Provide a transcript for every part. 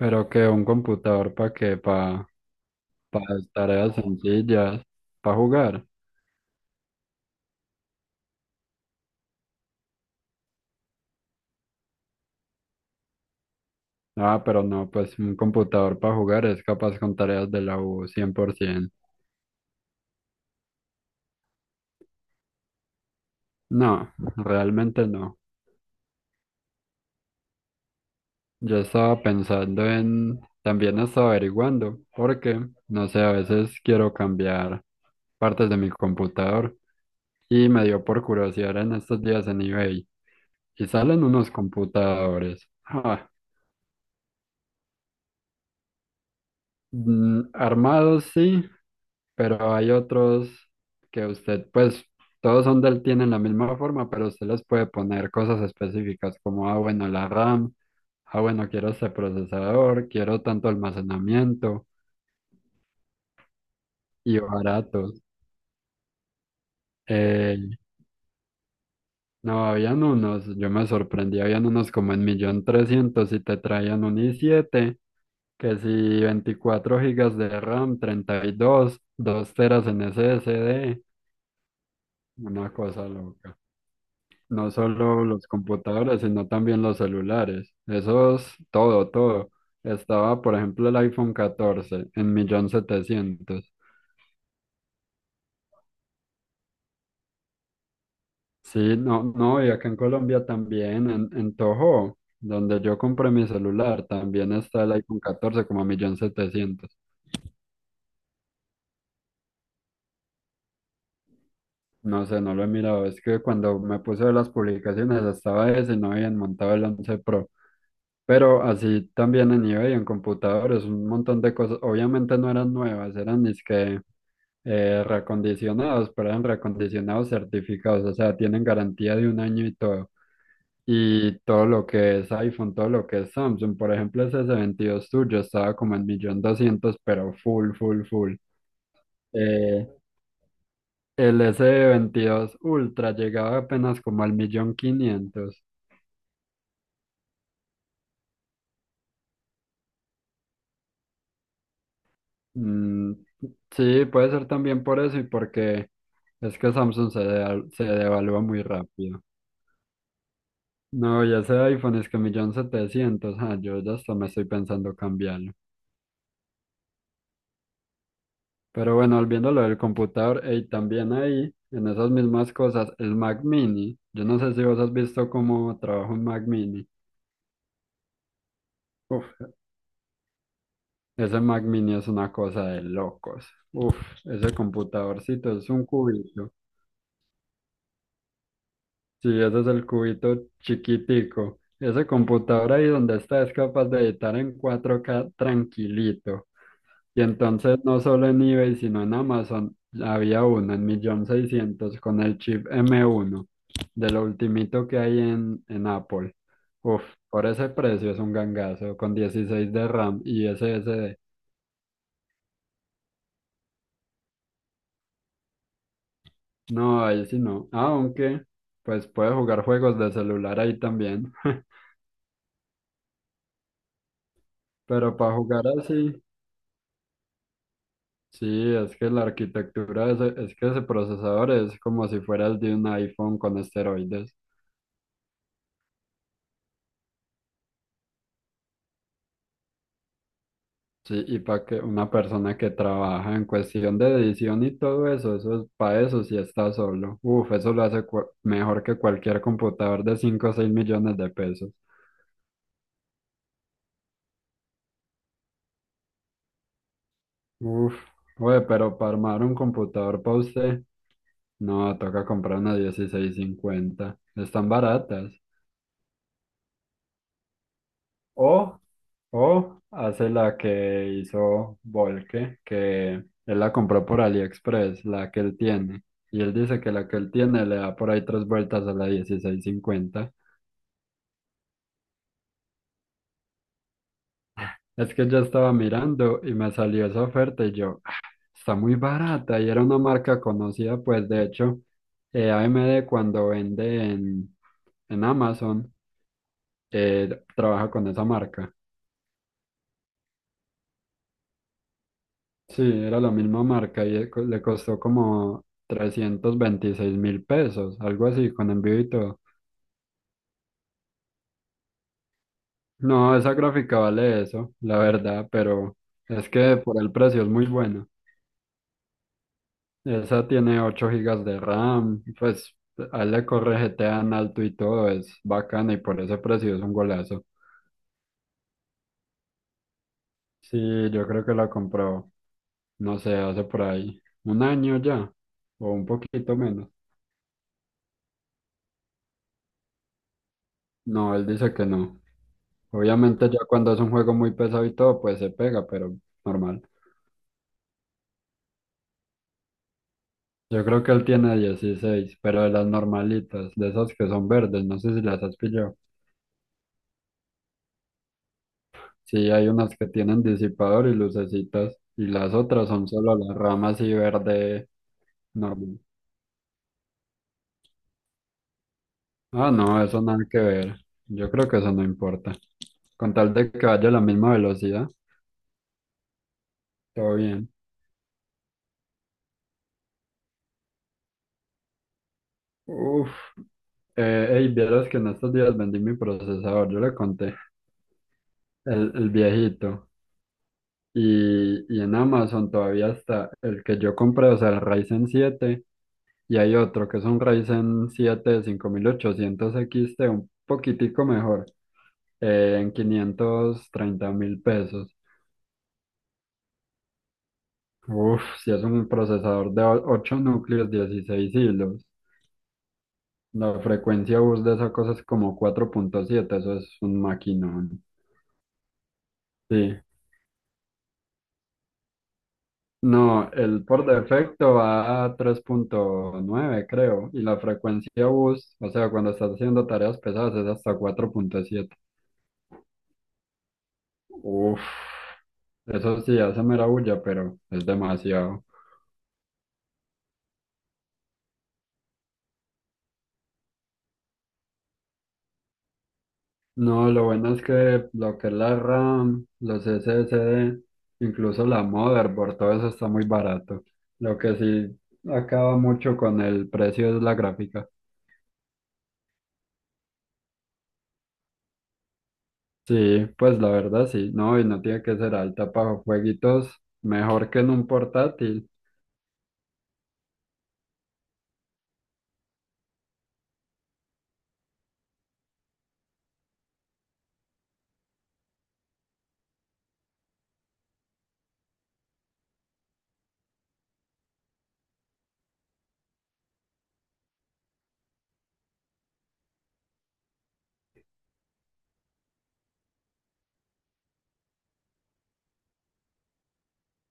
Pero que un computador para qué, para tareas sencillas, para jugar. Ah, pero no, pues un computador para jugar es capaz con tareas de la U 100%. No, realmente no. Yo estaba pensando en, también estaba averiguando, porque, no sé, a veces quiero cambiar partes de mi computador y me dio por curiosidad en estos días en eBay y salen unos computadores. Ah, mm, armados sí, pero hay otros que usted, pues todos son del, tienen la misma forma, pero usted les puede poner cosas específicas como, ah, bueno, la RAM, ah, bueno, quiero este procesador, quiero tanto almacenamiento y baratos. Eh, no, habían unos, yo me sorprendí, habían unos como en millón trescientos y te traían un i7 que si 24 gigas de RAM, 32 2 teras en SSD una cosa loca. No solo los computadores, sino también los celulares. Eso es todo, todo. Estaba, por ejemplo, el iPhone 14 en millón setecientos. Sí, no, no, y acá en Colombia también, en Toho, donde yo compré mi celular, también está el iPhone 14 como a millón setecientos. No sé, no lo he mirado. Es que cuando me puse a ver las publicaciones estaba ese y no habían montado el 11 Pro. Pero así también en eBay, en computadores, un montón de cosas. Obviamente no eran nuevas, eran es que reacondicionados, pero eran reacondicionados certificados. O sea, tienen garantía de un año y todo. Y todo lo que es iPhone, todo lo que es Samsung. Por ejemplo, ese s 22 tuyo estaba como en millón doscientos, pero full, full, full. Eh, el s D 22 Ultra llegaba apenas como al millón quinientos. Mm, sí, puede ser también por eso y porque es que Samsung se, se devalúa muy rápido. No, y ese iPhone es que millón setecientos. Ah, yo ya hasta me estoy pensando cambiarlo. Pero bueno, volviendo a lo del computador, y también ahí, en esas mismas cosas, el Mac Mini. Yo no sé si vos has visto cómo trabaja un Mac Mini. Uf, ese Mac Mini es una cosa de locos. Uf, ese computadorcito es un cubito. Sí, ese es el cubito chiquitico. Ese computador ahí donde está es capaz de editar en 4K tranquilito. Y entonces no solo en eBay, sino en Amazon había uno en millón seiscientos con el chip M1, de lo ultimito que hay en Apple. Uf, por ese precio es un gangazo, con 16 de RAM y SSD. No, ahí sí no. Aunque, pues puede jugar juegos de celular ahí también. Pero para jugar así, sí, es que la arquitectura, es que ese procesador es como si fuera el de un iPhone con esteroides. Sí, y para que una persona que trabaja en cuestión de edición y todo eso, eso es para eso si está solo. Uf, eso lo hace mejor que cualquier computador de 5 o 6 millones de pesos. Uf, güey, pero para armar un computador para usted, no, toca comprar una dieciséis cincuenta. Están baratas. O, o hace la que hizo Volke, que él la compró por AliExpress, la que él tiene. Y él dice que la que él tiene le da por ahí tres vueltas a la dieciséis cincuenta. Es que yo estaba mirando y me salió esa oferta y yo, "Ah, está muy barata y era una marca conocida, pues de hecho, AMD cuando vende en Amazon, eh, trabaja con esa marca. Sí, era la misma marca y le costó como 326.000 pesos, algo así, con envío y todo. No, esa gráfica vale eso, la verdad, pero es que por el precio es muy bueno. Esa tiene 8 gigas de RAM, pues ahí le corre GTA en alto y todo, es bacana y por ese precio es un golazo. Sí, yo creo que la compró, no sé, hace por ahí un año ya, o un poquito menos. No, él dice que no. Obviamente ya cuando es un juego muy pesado y todo, pues se pega, pero normal. Yo creo que él tiene 16, pero de las normalitas, de esas que son verdes, no sé si las has pillado. Sí, hay unas que tienen disipador y lucecitas, y las otras son solo las ramas y verde normal. Ah, no, eso nada que ver. Yo creo que eso no importa. Con tal de que vaya a la misma velocidad, todo bien. Uf, ey, vieras que en estos días vendí mi procesador, yo le conté, el viejito. Y en Amazon todavía está el que yo compré, o sea, el Ryzen siete y hay otro que es un Ryzen 7 5800 XT, un poquitico mejor. En 530.000 pesos. Uf, si es un procesador de 8 núcleos, 16 hilos. La frecuencia bus de esa cosa es como 4,7, eso es un maquinón. Sí. No, el por defecto va a 3,9, creo. Y la frecuencia bus, o sea, cuando estás haciendo tareas pesadas, es hasta 4,7. Uf, eso sí hace mera bulla, pero es demasiado. No, lo bueno es que lo que es la RAM, los SSD, incluso la motherboard, todo eso está muy barato. Lo que sí acaba mucho con el precio es la gráfica. Sí, pues la verdad sí, no, y no tiene que ser alta para jueguitos, mejor que en un portátil.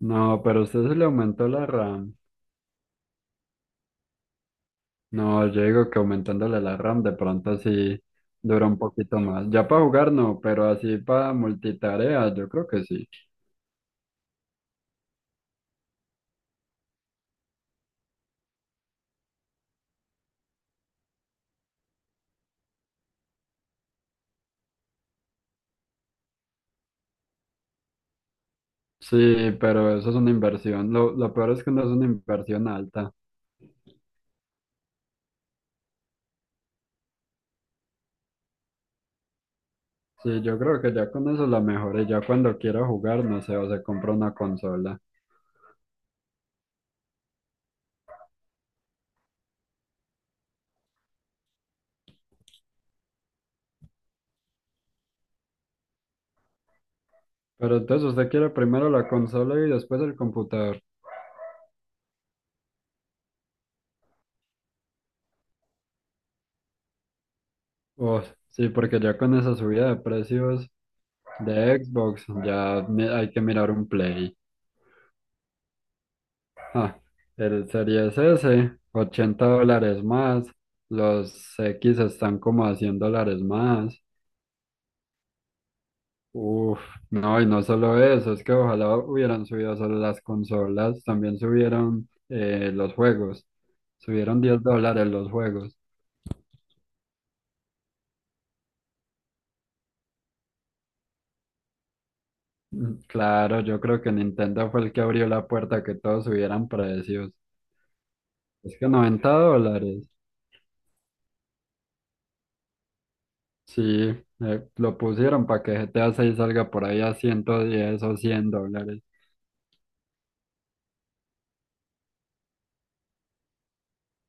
No, pero usted se le aumentó la RAM. No, yo digo que aumentándole la RAM de pronto sí dura un poquito más. Ya para jugar no, pero así para multitarea yo creo que sí. Sí, pero eso es una inversión. Lo peor es que no es una inversión alta. Sí, yo creo que ya con eso la mejoré. Ya cuando quiera jugar, no sé, o se compra una consola. Pero entonces usted quiere primero la consola y después el computador. Oh, sí, porque ya con esa subida de precios de Xbox, ya hay que mirar un Play. Ah, el Series S, $80 más. Los X están como a $100 más. Uf, no, y no solo eso, es que ojalá hubieran subido solo las consolas, también subieron los juegos, subieron $10 los juegos. Mm, claro, yo creo que Nintendo fue el que abrió la puerta a que todos subieran precios. Es que $90, sí, lo pusieron para que GTA 6 salga por ahí a 110 o 100 dólares.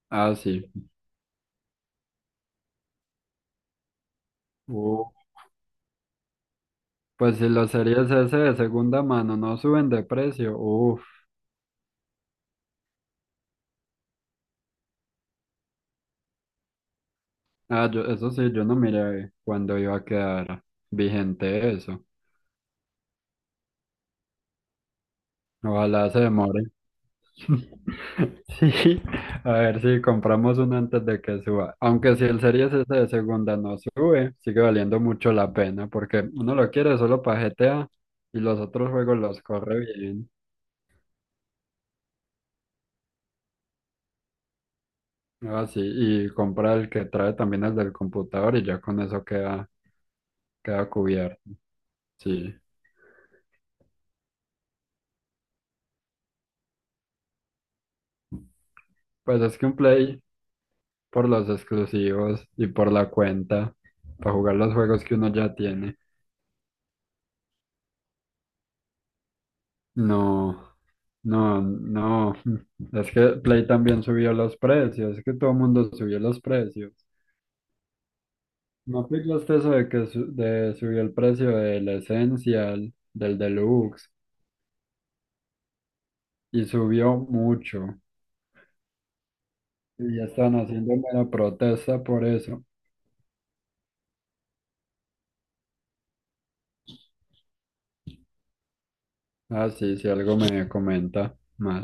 Ah, sí. Uh, pues si los series S de segunda mano no suben de precio, ah, yo, eso sí, yo no miré cuándo iba a quedar vigente eso. Ojalá se demore. Sí, a ver si compramos uno antes de que suba. Aunque si el Series S de segunda no sube, sigue valiendo mucho la pena porque uno lo quiere solo para GTA y los otros juegos los corre bien. Ah, sí, y compra el que trae también el del computador y ya con eso queda, queda cubierto. Sí. Pues es que un Play, por los exclusivos y por la cuenta, para jugar los juegos que uno ya tiene. No, no, no. Es que Play también subió los precios, es que todo el mundo subió los precios. ¿No aplicaste eso de que de subió el precio del Essential, del Deluxe, y subió mucho? Y ya están haciendo una protesta por eso. Ah, sí, si algo me comenta más.